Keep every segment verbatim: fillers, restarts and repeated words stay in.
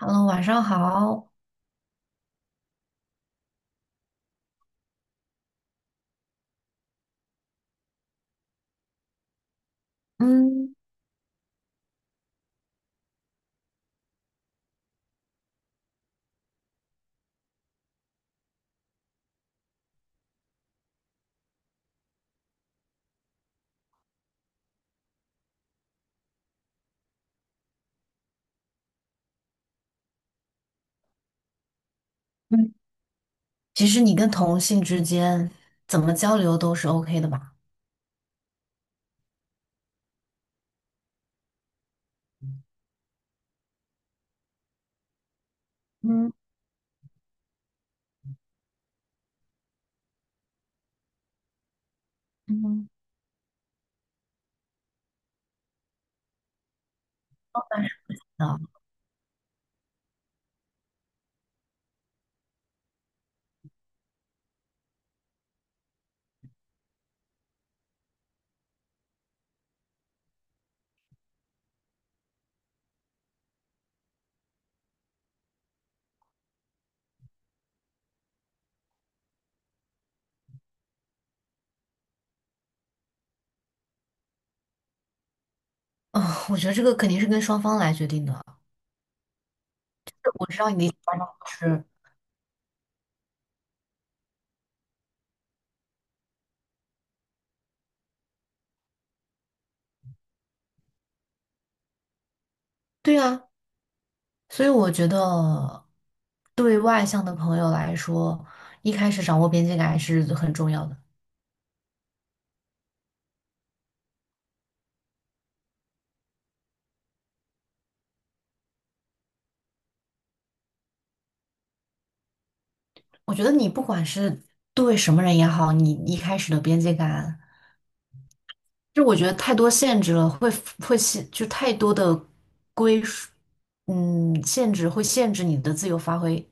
Hello，晚上好。嗯嗯，其实你跟同性之间怎么交流都是 OK 的吧？嗯嗯，当然是啊。哦，我觉得这个肯定是跟双方来决定的。我知道你的意思。是，对啊，所以我觉得对外向的朋友来说，一开始掌握边界感还是很重要的。我觉得你不管是对什么人也好，你一开始的边界感。就我觉得太多限制了，会会限，就太多的归属，嗯，限制会限制你的自由发挥。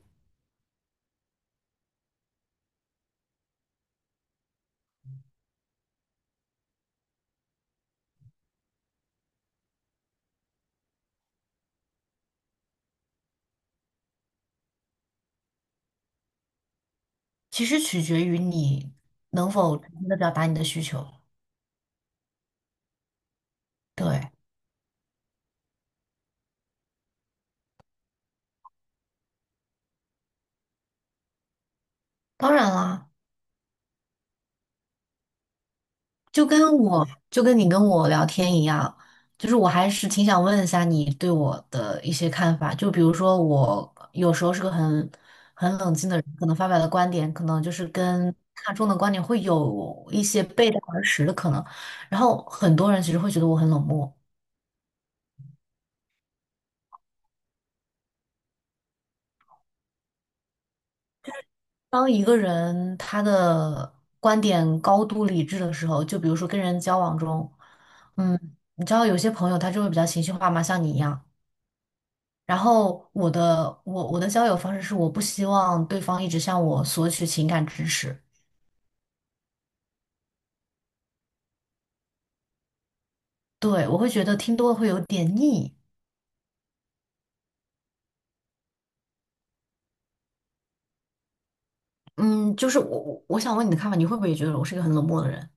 其实取决于你能否真的表达你的需求。对，当然啦。就跟我就跟你跟我聊天一样，就是我还是挺想问一下你对我的一些看法。就比如说，我有时候是个很很冷静的人，可能发表的观点可能就是跟大众的观点会有一些背道而驰的可能。然后很多人其实会觉得我很冷漠。当一个人他的观点高度理智的时候，就比如说跟人交往中，嗯，你知道有些朋友他就会比较情绪化嘛，像你一样。然后我的我我的交友方式是我不希望对方一直向我索取情感支持。对，我会觉得听多了会有点腻。嗯，就是我我我想问你的看法，你会不会也觉得我是一个很冷漠的人？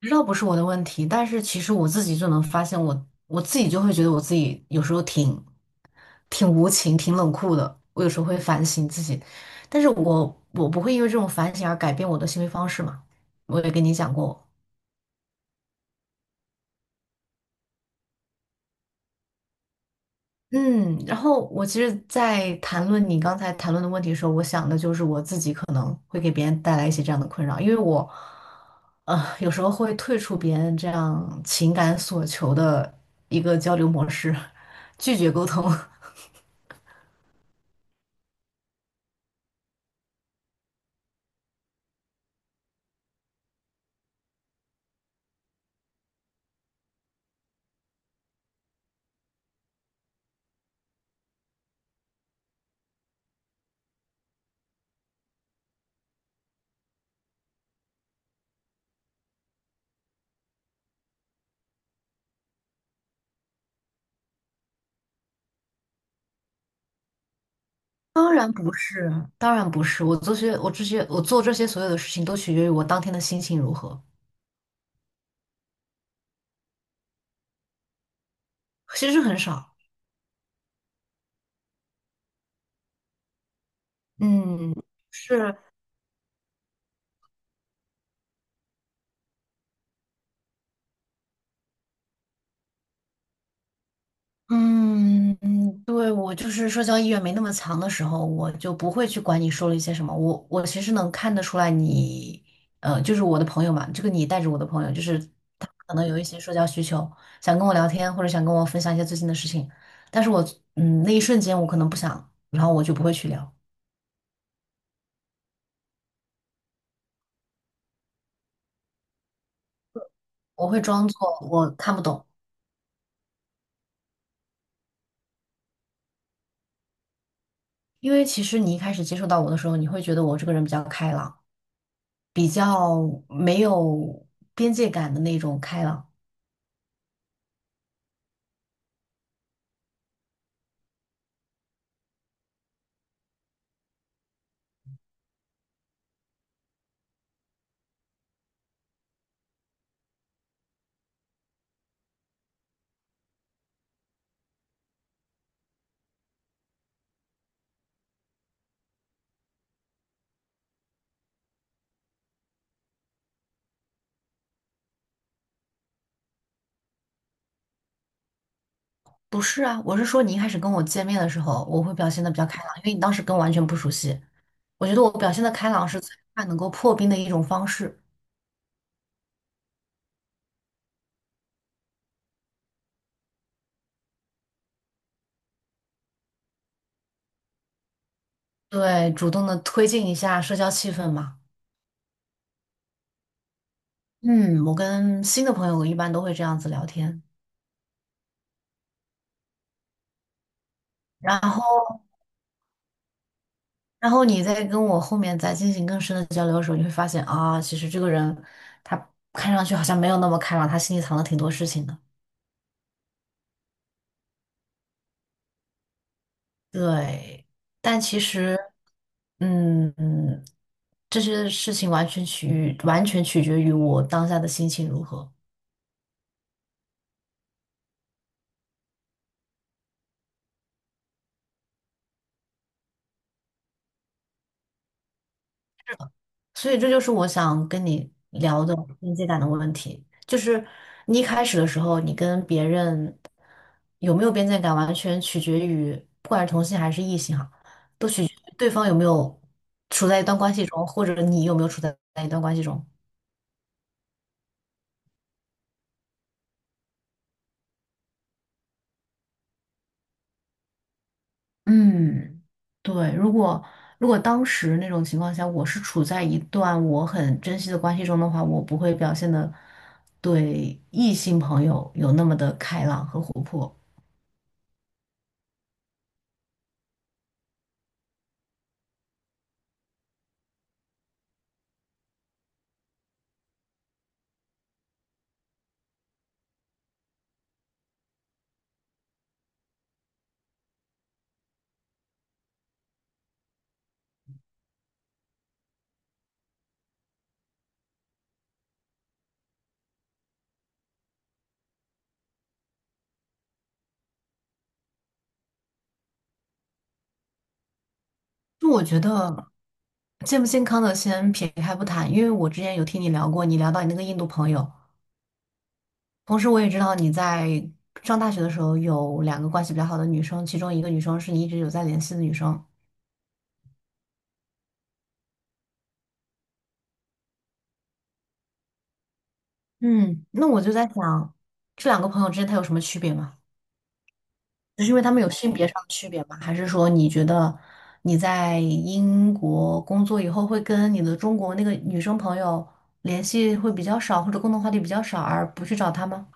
知道不是我的问题，但是其实我自己就能发现我我自己就会觉得我自己有时候挺挺无情、挺冷酷的。我有时候会反省自己，但是我我不会因为这种反省而改变我的行为方式嘛。我也跟你讲过。嗯，然后我其实，在谈论你刚才谈论的问题的时候，我想的就是我自己可能会给别人带来一些这样的困扰，因为我，呃，有时候会退出别人这样情感所求的一个交流模式，拒绝沟通。当然不是，当然不是，我这些，我这些，我做这些所有的事情都取决于我当天的心情如何，其实很少。嗯，是。嗯，嗯对，我就是社交意愿没那么强的时候，我就不会去管你说了一些什么。我我其实能看得出来你，呃，就是我的朋友嘛，这个你带着我的朋友，就是他可能有一些社交需求，想跟我聊天或者想跟我分享一些最近的事情，但是我嗯那一瞬间我可能不想，然后我就不会去聊，我会装作我看不懂，因为其实你一开始接触到我的时候，你会觉得我这个人比较开朗，比较没有边界感的那种开朗。不是啊，我是说你一开始跟我见面的时候，我会表现的比较开朗，因为你当时跟我完全不熟悉。我觉得我表现的开朗是最快能够破冰的一种方式。对，主动的推进一下社交气氛嘛。嗯，我跟新的朋友一般都会这样子聊天。然后，然后你再跟我后面再进行更深的交流的时候，你会发现啊，其实这个人他看上去好像没有那么开朗，他心里藏了挺多事情的。对，但其实，嗯。这些事情完全取于完全取决于我当下的心情如何，所以这就是我想跟你聊的边界感的问题。就是你一开始的时候，你跟别人有没有边界感，完全取决于不管是同性还是异性哈，对方有没有处在一段关系中，或者你有没有处在一段关系中。嗯，对，如果如果当时那种情况下，我是处在一段我很珍惜的关系中的话，我不会表现的对异性朋友有那么的开朗和活泼。就我觉得健不健康的先撇开不谈，因为我之前有听你聊过，你聊到你那个印度朋友，同时我也知道你在上大学的时候有两个关系比较好的女生，其中一个女生是你一直有在联系的女生。嗯，那我就在想，这两个朋友之间她有什么区别吗？只是因为他们有性别上的区别吗？还是说你觉得你在英国工作以后会跟你的中国那个女生朋友联系会比较少，或者共同话题比较少，而不去找她吗？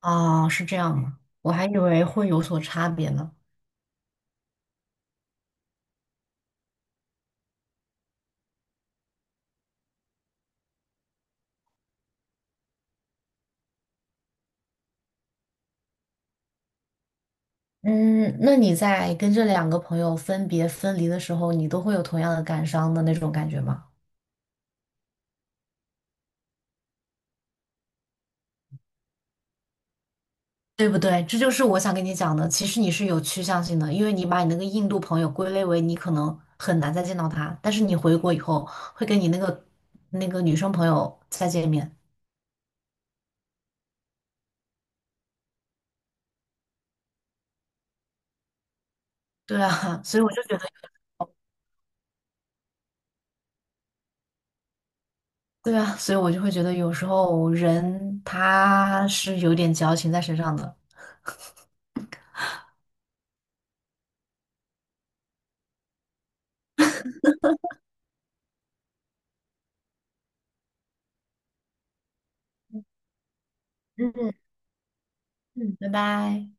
啊，是这样吗？我还以为会有所差别呢。嗯，那你在跟这两个朋友分别分离的时候，你都会有同样的感伤的那种感觉吗？对不对？这就是我想跟你讲的。其实你是有趋向性的，因为你把你那个印度朋友归类为你可能很难再见到他，但是你回国以后会跟你那个那个女生朋友再见面。对啊，所以我就觉得，对啊，所以我就会觉得有时候人他是有点矫情在身上的。嗯嗯，拜拜。